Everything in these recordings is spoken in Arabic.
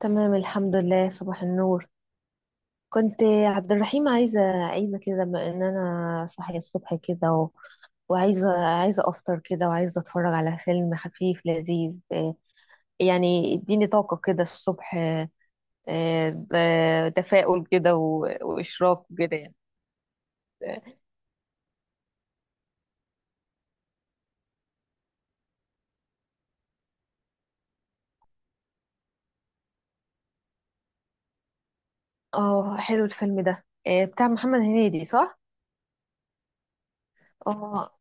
تمام الحمد لله، صباح النور. كنت عبد الرحيم عايزة كده بما ان انا صاحية الصبح كده. وعايزة افطر كده وعايزة اتفرج على فيلم خفيف لذيذ، يعني اديني طاقة كده الصبح. تفاؤل كده و... واشراق كده يعني. اه. حلو الفيلم ده، بتاع محمد هنيدي صح؟ اه.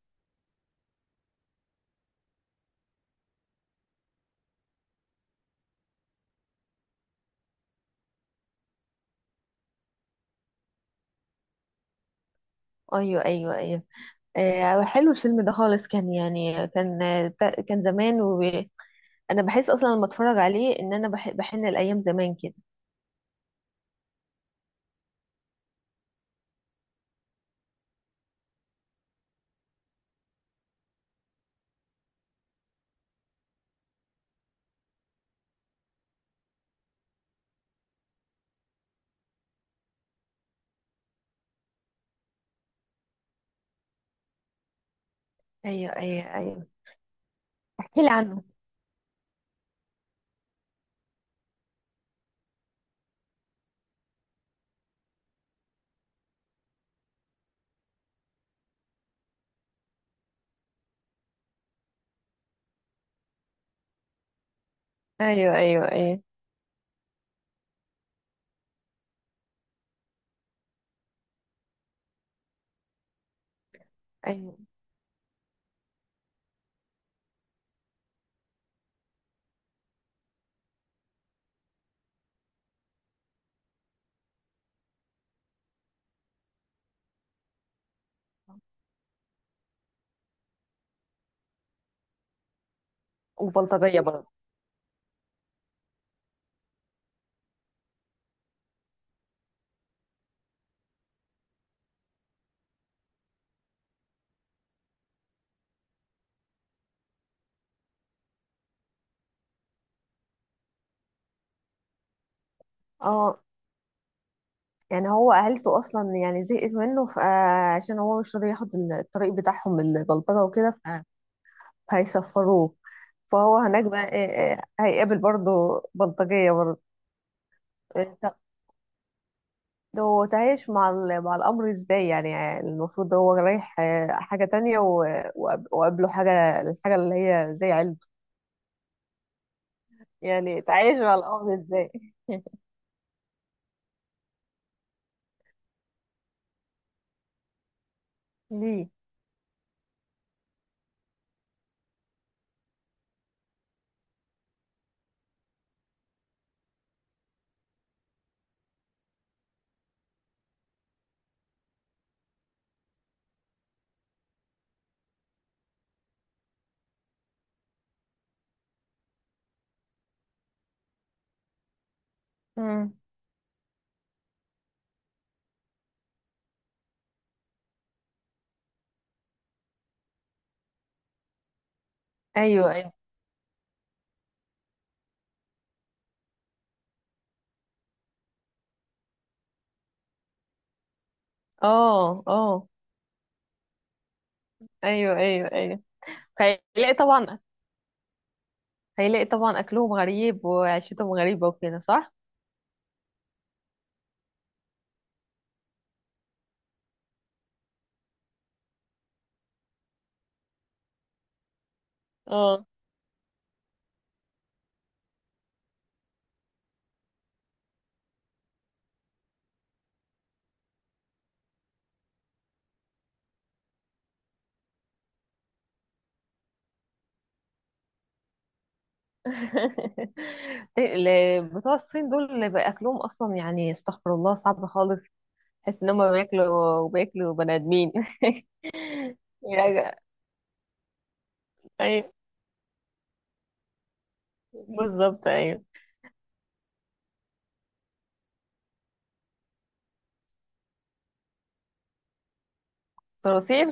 ايوه ايوه ايوه. حلو الفيلم ده خالص، كان يعني كان، كان زمان. انا بحس اصلا لما اتفرج عليه ان انا بحن الايام زمان كده. ايوه ايوه ايوه. احكي لي عنه. ايوه ايوه ايوه ايوه. وبلطجية برضه. اه. يعني هو عيلته اصلا يعني زهقت منه فعشان هو مش راضي ياخد الطريق بتاعهم البلطجه وكده، فهيسفروه. فهو هناك بقى إيه، إيه هيقابل برضه بلطجيه برضه؟ إيه طب، ده هو تعايش مع مع الامر ازاي يعني؟ يعني المفروض ده هو رايح حاجه تانية و- وقاب- وقابله حاجه، الحاجه اللي هي زي عيلته يعني. تعيش على الأرض ازاي؟ دي. مم. ايوه ايوه. اه اه. ايوه ايوه ايوه. هيلاقي طبعا. هيلاقي طبعا اكلهم غريب وعيشتهم غريبه وكده صح. اه. بتوع الصين دول اللي بقى اكلهم اصلا يعني، استغفر الله، صعب خالص. تحس ان هم بياكلوا وبياكلوا بني ادمين. يعني. ايوه، بالظبط ايوه. صراصير.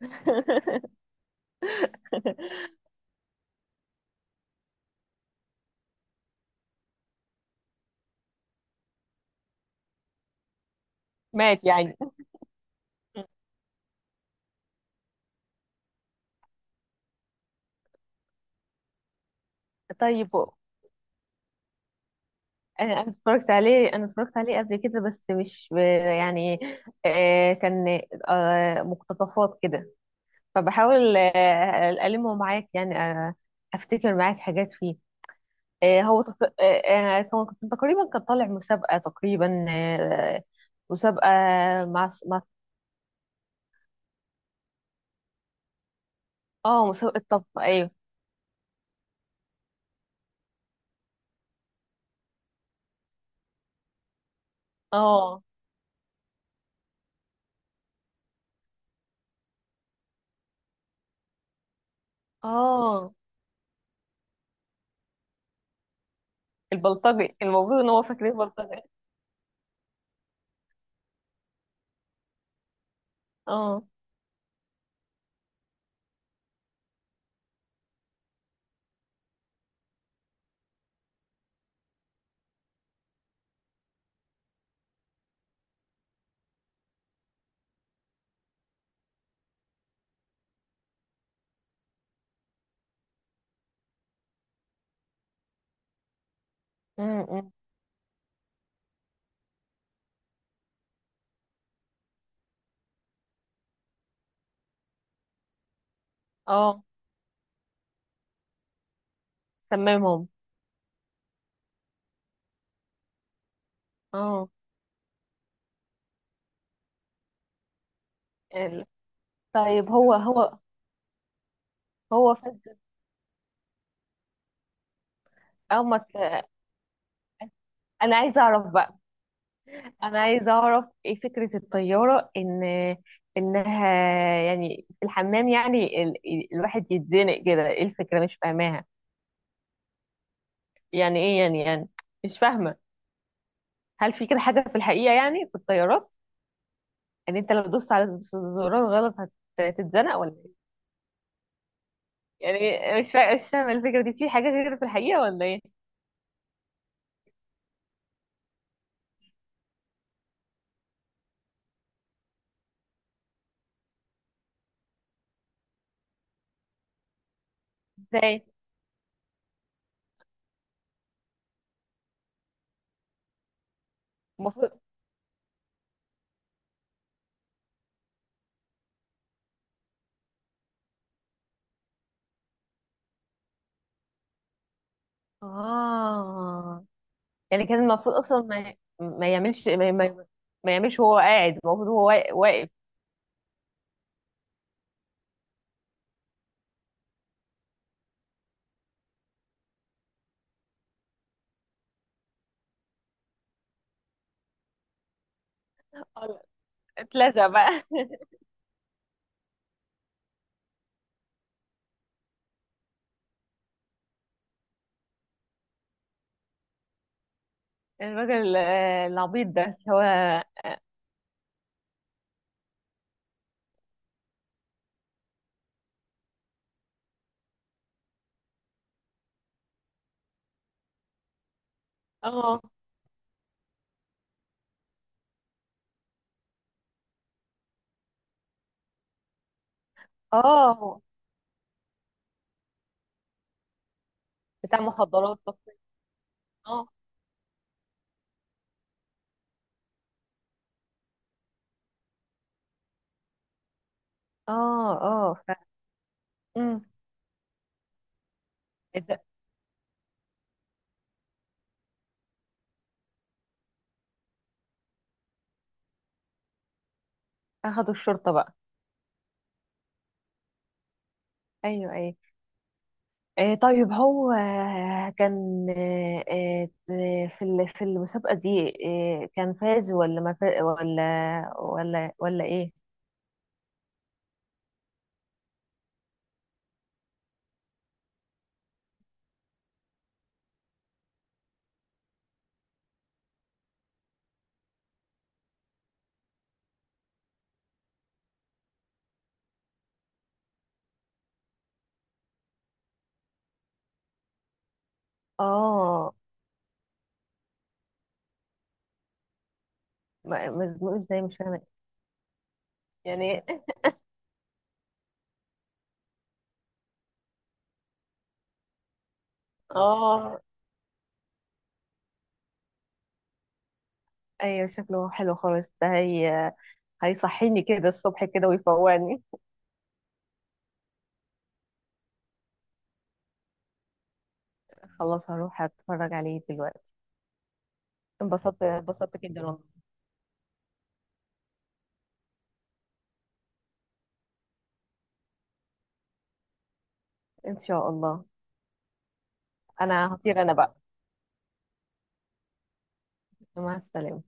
مات يعني؟ طيب، انا اتفرجت عليه قبل كده بس مش ب- يعني، كان مقتطفات كده. فبحاول ألمه معاك يعني، افتكر معاك حاجات فيه. آه، هو تق- آه، آه، كان كان تقريبا كان طالع مسابقة تقريبا، مسابقة، مع. اه، مسابقة طبخ ايوه. اه اه. البلطجي، المفروض ان هو فاكرين بلطجي. اه. م- م. اه، سممهم. اه. ال- طيب، هو هو فز. او ما ت... انا عايزه اعرف بقى، انا عايزه اعرف ايه فكره الطياره، ان انها يعني في الحمام يعني، الواحد يتزنق كده، ايه الفكره مش فاهماها. يعني ايه يعني يعني، مش فاهمه. هل في كده حاجه في الحقيقه يعني في الطيارات؟ يعني انت لو دوست على الزرار غلط هتتزنق ولا ايه؟ يعني مش فاهمه الفكره دي، في حاجه كده في الحقيقه ولا ايه؟ ازاي؟ المفروض، اه يعني كان المفروض اصلا ما، ما يعملش ما, ما, ما يعملش. هو قاعد، المفروض هو واقف. اتلزق بقى. الراجل العبيط ده اللي هو. اه. اه. بتاع مخدرات تصنيف. اه اه اه. ف. مم. إد. اخدوا الشرطة بقى؟ ايوه ايوه. طيب هو آه، كان آه، آه، في في المسابقة دي، كان فاز ولا ما فاز، ولا ايه؟ اه. ازاي؟ مش فاهمة يعني. اه. ايوه، شكله حلو خالص ده، هي هيصحيني كده الصبح كده ويفوقني. خلاص هروح اتفرج عليه دلوقتي. انبسطت انبسطت جدا والله. ان شاء الله. انا هطير انا بقى. مع السلامة.